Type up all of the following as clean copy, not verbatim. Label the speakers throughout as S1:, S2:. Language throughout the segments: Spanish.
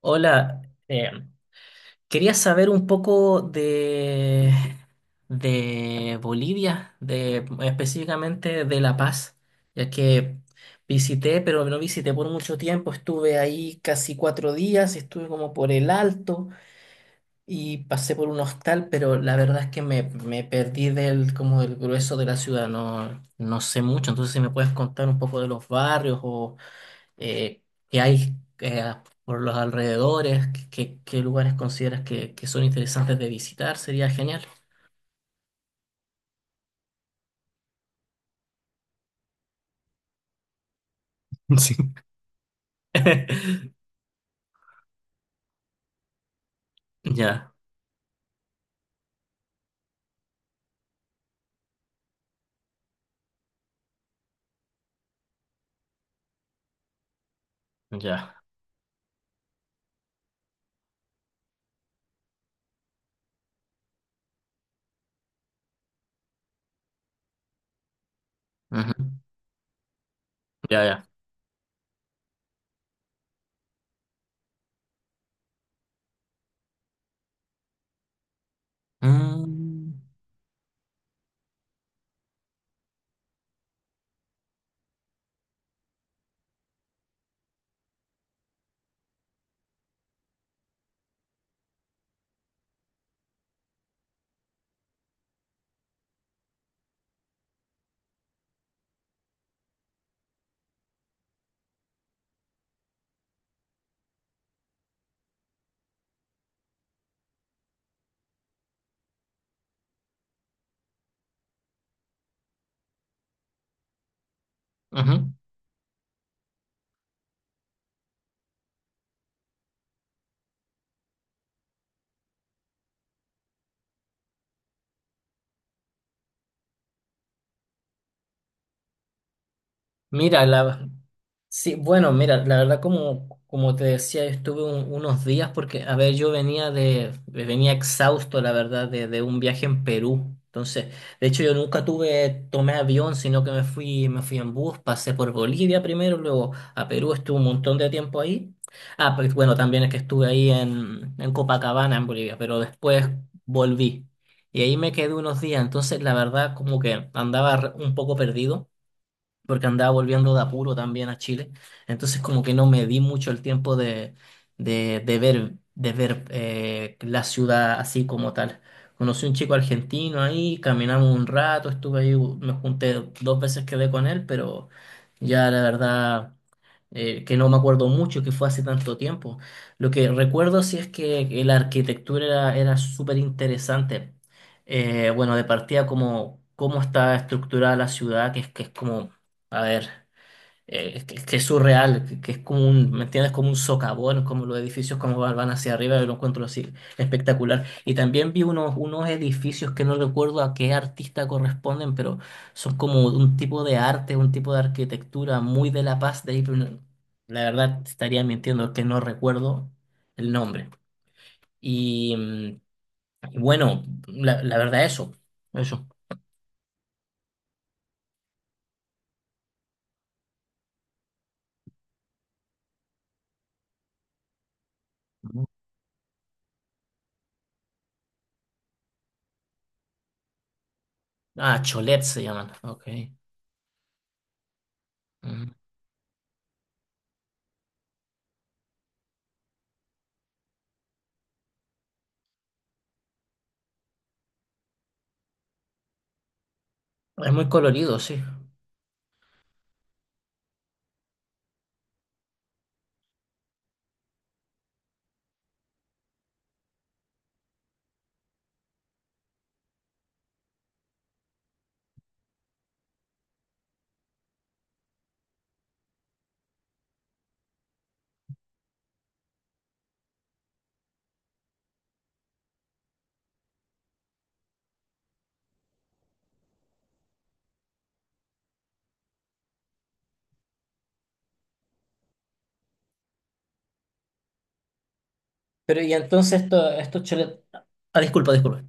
S1: Hola, eh, quería saber un poco de Bolivia, de, específicamente de La Paz, ya que visité, pero no visité por mucho tiempo, estuve ahí casi cuatro días, estuve como por el Alto y pasé por un hostal, pero la verdad es que me perdí del, como del grueso de la ciudad, no sé mucho, entonces si me puedes contar un poco de los barrios o eh, que hay eh, por los alrededores, qué lugares consideras que son interesantes de visitar, sería genial. Sí. Ya, ya. Ujú. Ya, ya. Mm. Ujú. Mira, la... Sí, bueno, mira, la verdad como, como te decía, yo estuve unos días porque, a ver, yo venía venía exhausto, la verdad, de un viaje en Perú. Entonces, de hecho, yo nunca tuve, tomé avión, sino que me fui en bus, pasé por Bolivia primero, luego a Perú, estuve un montón de tiempo ahí. Ah, pero bueno, también es que estuve ahí en Copacabana, en Bolivia, pero después volví. Y ahí me quedé unos días, entonces la verdad como que andaba un poco perdido porque andaba volviendo de apuro también a Chile. Entonces como que no me di mucho el tiempo de ver la ciudad así como tal. Conocí un chico argentino ahí, caminamos un rato, estuve ahí, me junté dos veces, quedé con él, pero ya la verdad que no me acuerdo mucho, que fue hace tanto tiempo. Lo que recuerdo sí es que la arquitectura era súper interesante. Bueno, de partida como cómo está estructurada la ciudad, que es como, a ver. Es que es surreal, que es como un, ¿me entiendes? Como un socavón, como los edificios como van hacia arriba, yo lo encuentro así espectacular. Y también vi unos edificios que no recuerdo a qué artista corresponden, pero son como un tipo de arte, un tipo de arquitectura muy de La Paz de ahí, la verdad te estaría mintiendo que no recuerdo el nombre. Y mm, y bueno, la verdad eso, eso. Ah, Cholet se llaman, ok. Ujú. Es muy colorido, sí. Pero y entonces esto, estos chole- Ah, disculpa, disculpa.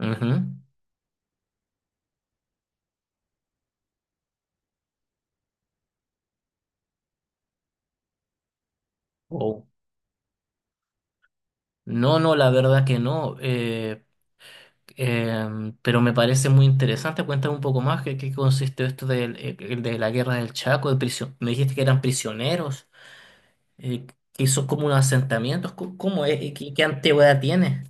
S1: Ujú. Wow. No, no, la verdad que no. Pero me parece muy interesante. Cuéntame un poco más qué consiste esto del, de la guerra del Chaco, de prisión. Me dijiste que eran prisioneros, eh, que son como unos asentamientos. ¿Cómo, cómo es? ¿Y ¿Qué, qué antigüedad tiene?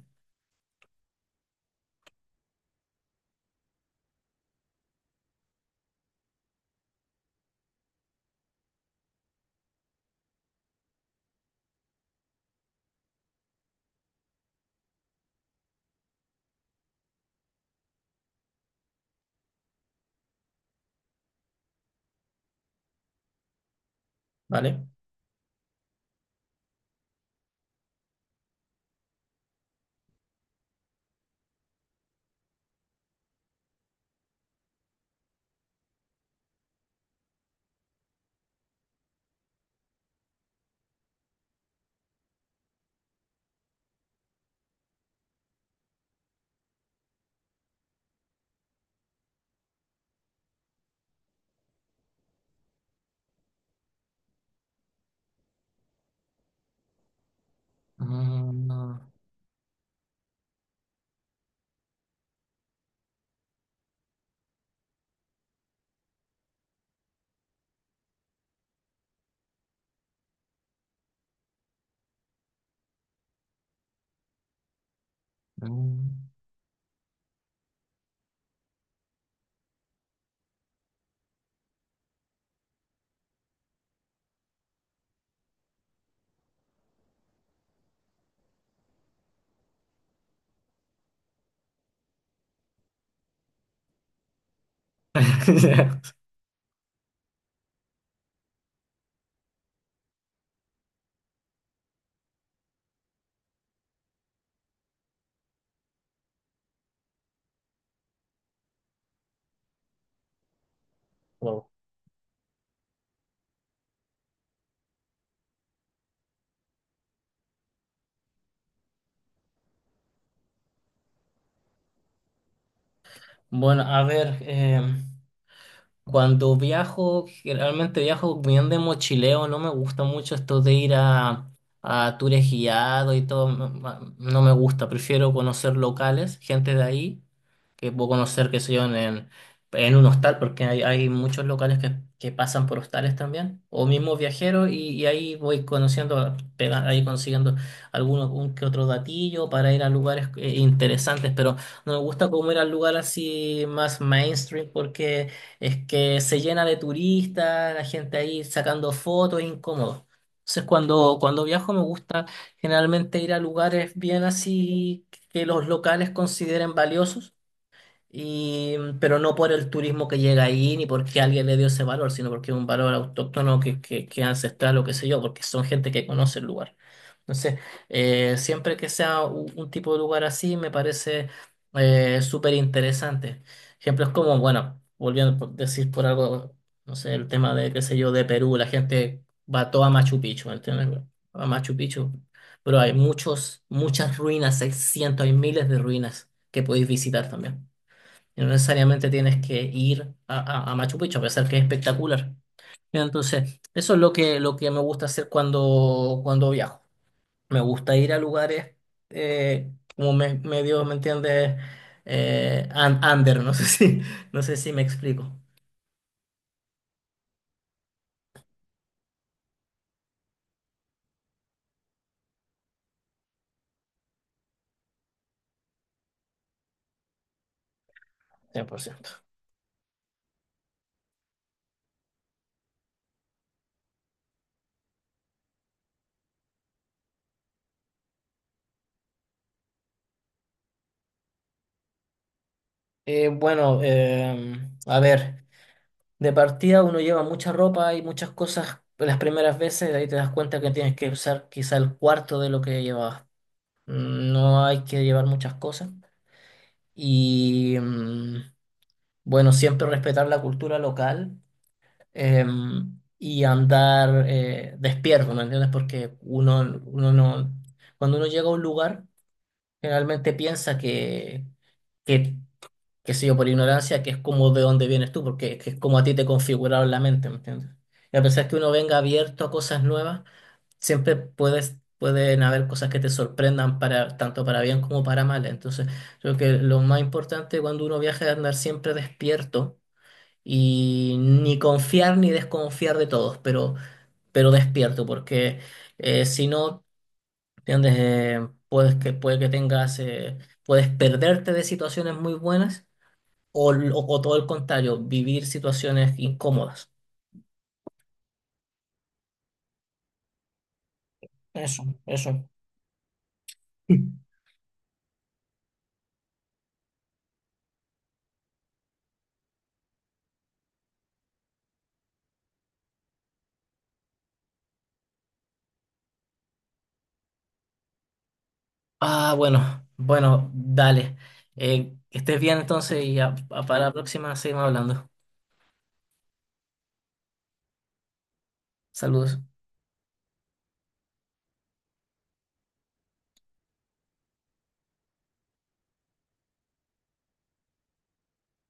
S1: ¿Vale? Ah, mm. Wow. Bueno, a ver. Cuando viajo, generalmente viajo bien de mochileo, no me gusta mucho esto de ir a tours guiados y todo, no me gusta, prefiero conocer locales, gente de ahí, que puedo conocer, que sé yo, en un hostal, porque hay muchos locales que pasan por hostales también, o mismo viajeros, y ahí voy conociendo, ahí consiguiendo alguno un que otro datillo para ir a lugares interesantes, pero no me gusta como ir al lugar así más mainstream porque es que se llena de turistas, la gente ahí sacando fotos, es incómodo. Entonces, cuando viajo me gusta generalmente ir a lugares bien así que los locales consideren valiosos y, pero no por el turismo que llega ahí, ni porque alguien le dio ese valor, sino porque es un valor autóctono que es ancestral o qué sé yo, porque son gente que conoce el lugar. Entonces, siempre que sea tipo de lugar así, me parece súper interesante. Ejemplos como, bueno, volviendo a decir por algo, no sé, el tema de, qué sé yo, de Perú, la gente va toda a Machu Picchu, ¿entiendes? Bueno, a Machu Picchu. Pero hay muchos, muchas ruinas, hay cientos, hay miles de ruinas que podéis visitar también. Y no necesariamente tienes que ir a Machu Picchu, a pesar que es espectacular. Entonces, eso es lo que me gusta hacer cuando viajo. Me gusta ir a lugares, como me, medio, ¿me entiendes? Under, no sé si, no sé si me explico. 100%. Eh, bueno, eh, a ver, de partida uno lleva mucha ropa y muchas cosas las primeras veces, ahí te das cuenta que tienes que usar quizá el cuarto de lo que llevabas. Mm, no hay que llevar muchas cosas. y mm, bueno, siempre respetar la cultura local y andar despierto, ¿me entiendes? Porque uno, uno no, cuando uno llega a un lugar, generalmente piensa que qué sé yo, por ignorancia, que es como de dónde vienes tú, porque es que es como a ti te configuraron la mente, ¿me entiendes? Y a pesar que uno venga abierto a cosas nuevas, siempre puedes, pueden haber cosas que te sorprendan para, tanto para bien como para mal. Entonces, creo que lo más importante cuando uno viaja es andar siempre despierto y ni confiar ni desconfiar de todos, pero despierto, porque si no, ¿entiendes? Puede que tengas, puedes perderte de situaciones muy buenas o todo el contrario, vivir situaciones incómodas. Eso, eso. Ah, bueno, bueno, dale. Que estés bien entonces y para la próxima seguimos hablando. Saludos.